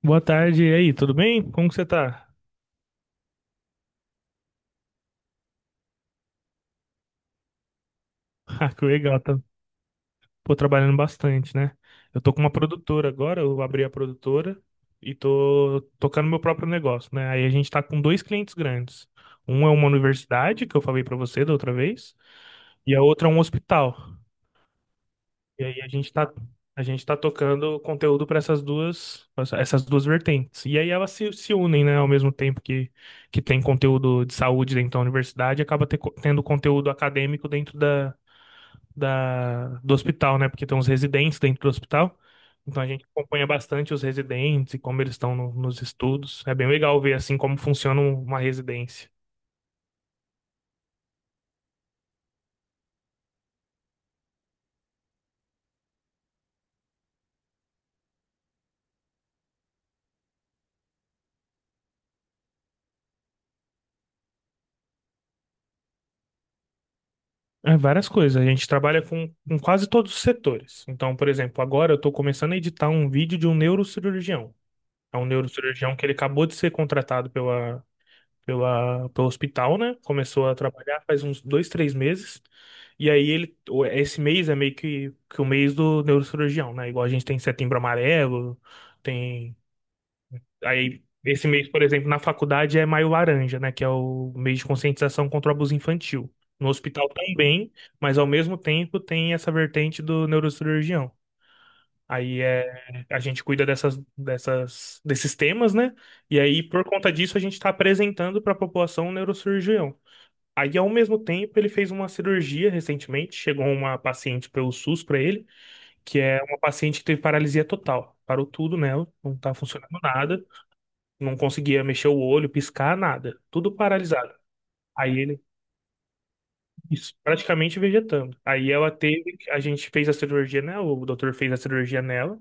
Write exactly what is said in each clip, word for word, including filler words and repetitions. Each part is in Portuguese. Boa tarde, e aí, tudo bem? Como que você tá? Ah, que legal, tá, pô, trabalhando bastante, né? Eu tô com uma produtora agora, eu abri a produtora e tô tocando meu próprio negócio, né? Aí a gente tá com dois clientes grandes. Um é uma universidade, que eu falei pra você da outra vez, e a outra é um hospital. E aí a gente tá, a gente tá tocando conteúdo para essas duas, essas duas vertentes. E aí elas se, se unem, né, ao mesmo tempo que que tem conteúdo de saúde dentro da universidade, acaba ter co- tendo conteúdo acadêmico dentro da da, do hospital, né? Porque tem uns residentes dentro do hospital. Então a gente acompanha bastante os residentes e como eles estão no- nos estudos. É bem legal ver assim como funciona um, uma residência. É várias coisas. A gente trabalha com, com quase todos os setores. Então, por exemplo, agora eu estou começando a editar um vídeo de um neurocirurgião. É um neurocirurgião que ele acabou de ser contratado pela pela, pelo hospital, né? Começou a trabalhar faz uns dois, três meses. E aí ele, o- esse mês é meio que, que o mês do neurocirurgião, né? Igual a gente tem setembro amarelo, tem. Aí esse mês, por exemplo, na faculdade é maio laranja, né? Que é o mês de conscientização contra o abuso infantil. No hospital também, mas ao mesmo tempo tem essa vertente do neurocirurgião. Aí é, a gente cuida dessas, dessas, desses temas, né? E aí, por conta disso, a gente está apresentando para a população um neurocirurgião. Aí, ao mesmo tempo, ele fez uma cirurgia recentemente. Chegou uma paciente pelo SUS para ele, que é uma paciente que teve paralisia total. Parou tudo nela, não tá funcionando nada, não conseguia mexer o olho, piscar, nada. Tudo paralisado. Aí ele, isso, praticamente vegetando. Aí ela teve, a gente fez a cirurgia nela, o doutor fez a cirurgia nela.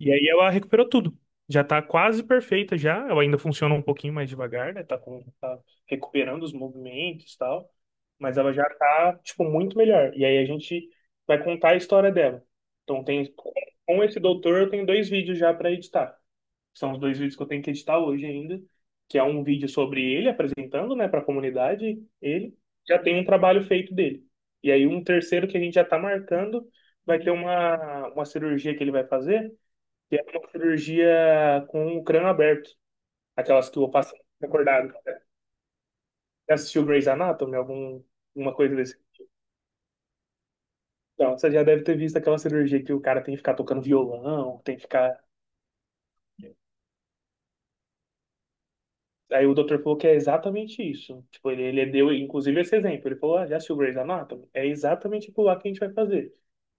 E aí ela recuperou tudo. Já tá quase perfeita já. Ela ainda funciona um pouquinho mais devagar, né? Tá, com, tá recuperando os movimentos e tal. Mas ela já tá, tipo, muito melhor. E aí a gente vai contar a história dela. Então tem, com esse doutor eu tenho dois vídeos já para editar. São os dois vídeos que eu tenho que editar hoje ainda. Que é um vídeo sobre ele apresentando, né, para a comunidade. Ele já tem um trabalho feito dele. E aí um terceiro que a gente já tá marcando vai ter uma, uma cirurgia que ele vai fazer que é uma cirurgia com o crânio aberto, aquelas que o paciente fica acordado. Já assistiu Grey's Anatomy, algum, alguma coisa desse? Então, você já deve ter visto aquela cirurgia que o cara tem que ficar tocando violão, tem que ficar. Aí o doutor falou que é exatamente isso. Tipo, ele, ele deu, inclusive, esse exemplo. Ele falou, ah, já assistiu Grey's Anatomy? É exatamente tipo lá que a gente vai fazer.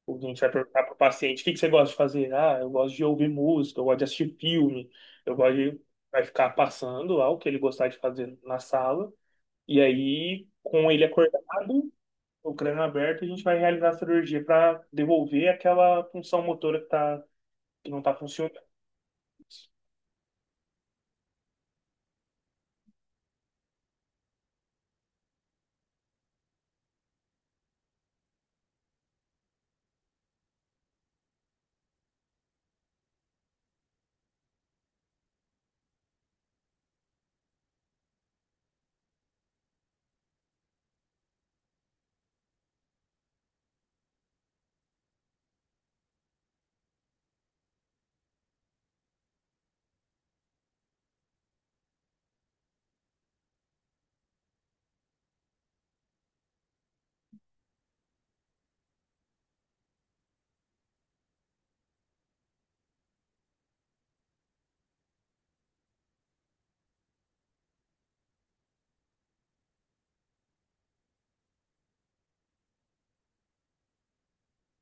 A gente vai perguntar pro paciente, o que que você gosta de fazer? Ah, eu gosto de ouvir música, eu gosto de assistir filme, eu gosto de... Vai ficar passando lá o que ele gostar de fazer na sala. E aí, com ele acordado, o crânio aberto, a gente vai realizar a cirurgia para devolver aquela função motora que, tá, que não está funcionando.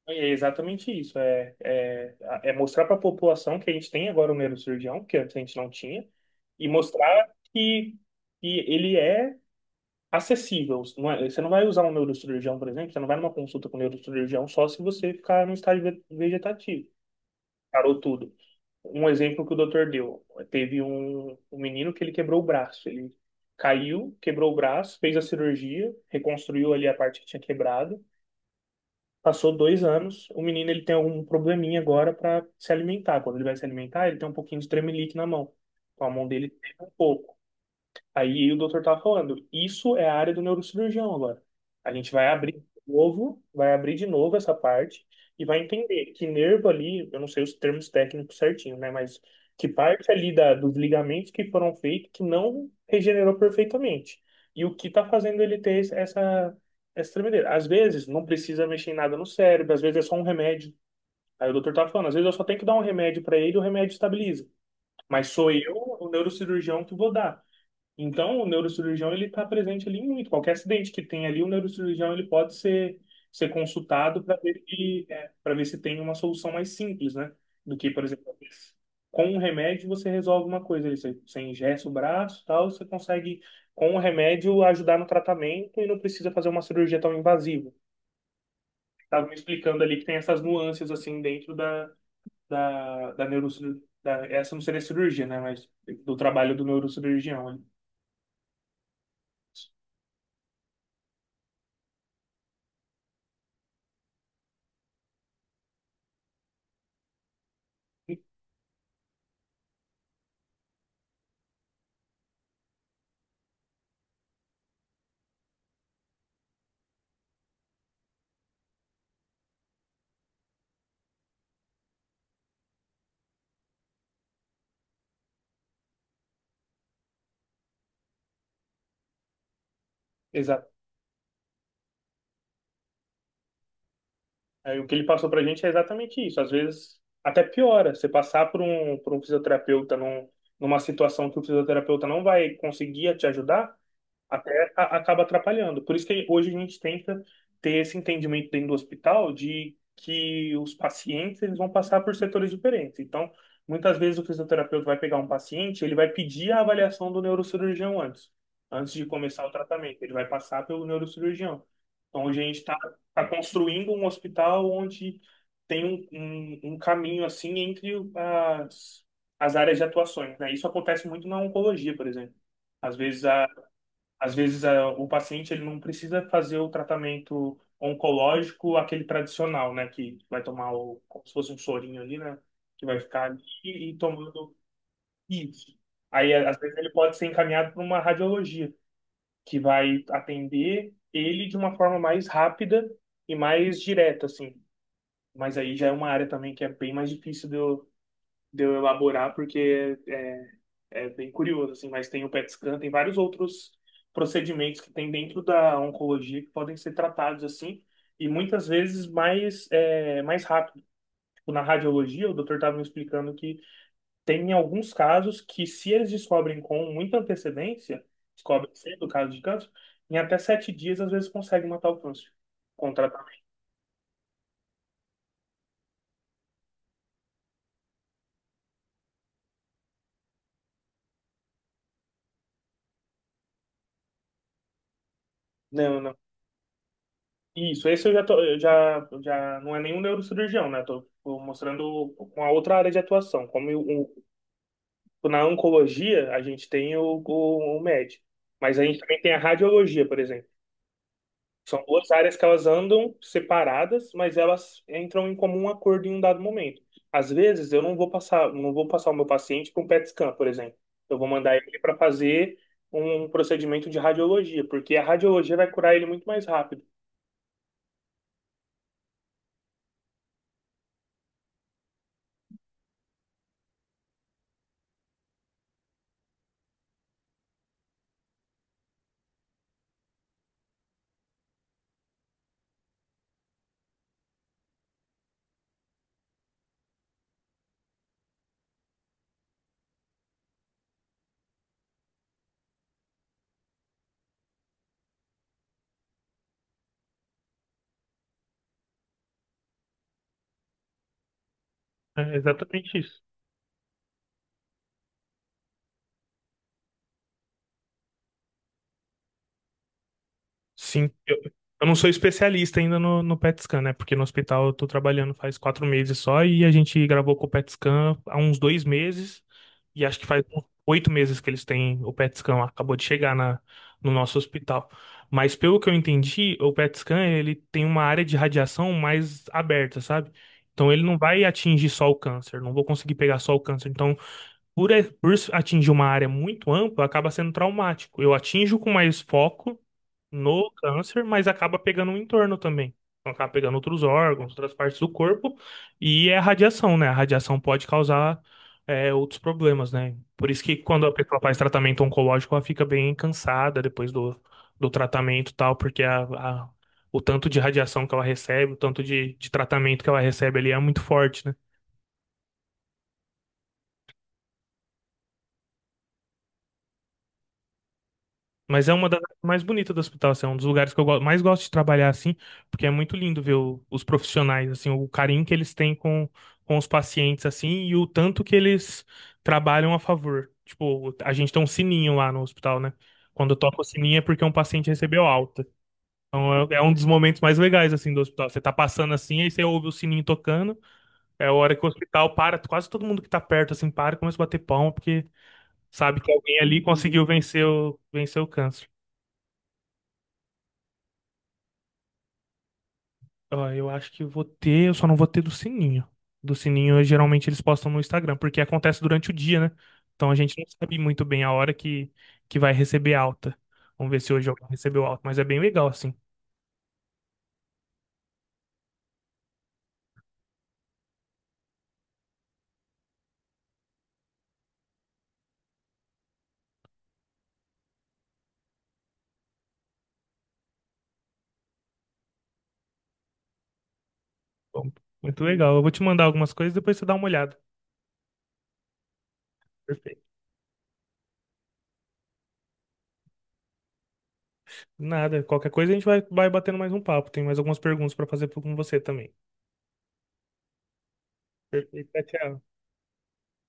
É exatamente isso. É, é, é mostrar para a população que a gente tem agora um neurocirurgião, que antes a gente não tinha, e mostrar que, que ele é acessível. Não é- você não vai usar um neurocirurgião, por exemplo, você não vai numa consulta com um neurocirurgião só se você ficar no estágio ve- vegetativo. Parou tudo. Um exemplo que o doutor deu, teve um, um menino que ele quebrou o braço, ele caiu, quebrou o braço, fez a cirurgia, reconstruiu ali a parte que tinha quebrado, passou dois anos, o menino ele tem algum probleminha agora para se alimentar, quando ele vai se alimentar ele tem um pouquinho de tremelique na mão, então a mão dele fica um pouco. Aí o doutor tava falando, isso é a área do neurocirurgião agora. A gente vai abrir de novo, vai abrir de novo essa parte e vai entender que nervo ali, eu não sei os termos técnicos certinho, né? Mas que parte ali da, dos ligamentos que foram feitos que não regenerou perfeitamente. E o que está fazendo ele ter esse- essa, essa tremedeira. Às vezes não precisa mexer em nada no cérebro, às vezes é só um remédio. Aí o doutor tá falando, às vezes eu só tenho que dar um remédio para ele, e o remédio estabiliza. Mas sou eu, o neurocirurgião, que vou dar. Então, o neurocirurgião ele está presente ali muito. Qualquer acidente que tem ali, o neurocirurgião ele pode ser, ser consultado para ver, que- é, pra ver se tem uma solução mais simples, né? Do que, por exemplo, com um remédio você resolve uma coisa ali. Você, você engessa o braço e tal, você consegue, com o remédio, ajudar no tratamento e não precisa fazer uma cirurgia tão invasiva. Estava me explicando ali que tem essas nuances assim dentro da, da, da neurocirurgia. Essa não seria cirurgia, né? Mas do trabalho do neurocirurgião, né? Aí, o que ele passou pra gente é exatamente isso. Às vezes até piora. Você passar por um, por um fisioterapeuta num, numa situação que o fisioterapeuta não vai conseguir te ajudar, até a- acaba atrapalhando. Por isso que hoje a gente tenta ter esse entendimento dentro do hospital de que os pacientes eles vão passar por setores diferentes. Então, muitas vezes o fisioterapeuta vai pegar um paciente, ele vai pedir a avaliação do neurocirurgião antes, antes de começar o tratamento. Ele vai passar pelo neurocirurgião. Então, hoje a gente está construindo um hospital onde tem um, um, um caminho assim entre as, as áreas de atuações, né? Isso acontece muito na oncologia, por exemplo. Às vezes a Às vezes, é, o paciente ele não precisa fazer o tratamento oncológico, aquele tradicional, né? Que vai tomar o, como se fosse um sorinho ali, né? Que vai ficar ali e, e tomando isso. Aí, às vezes, ele pode ser encaminhado para uma radiologia, que vai atender ele de uma forma mais rápida e mais direta, assim. Mas aí já é uma área também que é bem mais difícil de eu, de eu elaborar, porque eh, é bem curioso, assim, mas tem o PET scan, tem vários outros procedimentos que tem dentro da oncologia que podem ser tratados assim, e muitas vezes mais, é, mais rápido. Tipo, na radiologia, o doutor estava me explicando que tem alguns casos que, se eles descobrem com muita antecedência, descobrem cedo o caso de câncer, em até sete dias, às vezes, consegue matar o câncer com tratamento. Não, não. Isso, esse eu já tô, eu já, eu já não é nenhum neurocirurgião, né? Tô, tô mostrando uma outra área de atuação, como o. Na oncologia, a gente tem o, o, o médico, mas a gente também tem a radiologia, por exemplo. São duas áreas que elas andam separadas, mas elas entram em comum acordo em um dado momento. Às vezes, eu não vou passar, não vou passar o meu paciente para um PET scan, por exemplo. Eu vou mandar ele para fazer um procedimento de radiologia, porque a radiologia vai curar ele muito mais rápido. É exatamente isso. Sim, eu, eu não sou especialista ainda no, no PET scan, né? Porque no hospital eu tô trabalhando faz quatro meses só e a gente gravou com o PET scan há uns dois meses e acho que faz uns oito meses que eles têm o PET scan, acabou de chegar na, no nosso hospital. Mas pelo que eu entendi, o PET scan ele tem uma área de radiação mais aberta, sabe? Então ele não vai atingir só o câncer, não vou conseguir pegar só o câncer. Então por, a- por atingir uma área muito ampla, acaba sendo traumático. Eu atinjo com mais foco no câncer, mas acaba pegando o entorno também. Então, acaba pegando outros órgãos, outras partes do corpo, e é a radiação, né? A radiação pode causar é, outros problemas, né? Por isso que quando a pessoa faz tratamento oncológico, ela fica bem cansada depois do, do tratamento e tal, porque a, a- o tanto de radiação que ela recebe, o tanto de, de tratamento que ela recebe ali é muito forte, né? Mas é uma das áreas mais bonitas do hospital, assim, é um dos lugares que eu go- mais gosto de trabalhar, assim, porque é muito lindo ver o- os profissionais, assim, o carinho que eles têm com, com os pacientes, assim, e o tanto que eles trabalham a favor. Tipo, a gente tem um sininho lá no hospital, né? Quando toca o sininho é porque um paciente recebeu alta. Então é, é um dos momentos mais legais, assim, do hospital. Você tá passando assim, aí você ouve o sininho tocando, é a hora que o hospital para, quase todo mundo que tá perto, assim, para e começa a bater palma, porque sabe que alguém ali conseguiu vencer o, vencer o câncer. Ó, eu acho que eu vou ter, eu só não vou ter do sininho. Do sininho, geralmente eles postam no Instagram, porque acontece durante o dia, né? Então a gente não sabe muito bem a hora que, que vai receber alta. Vamos ver se hoje alguém recebeu alta, mas é bem legal, assim. Bom, muito legal. Eu vou te mandar algumas coisas, depois você dá uma olhada. Perfeito. Nada, qualquer coisa a gente vai, vai batendo mais um papo. Tem mais algumas perguntas para fazer com você também. Perfeito, tchau. Tchau.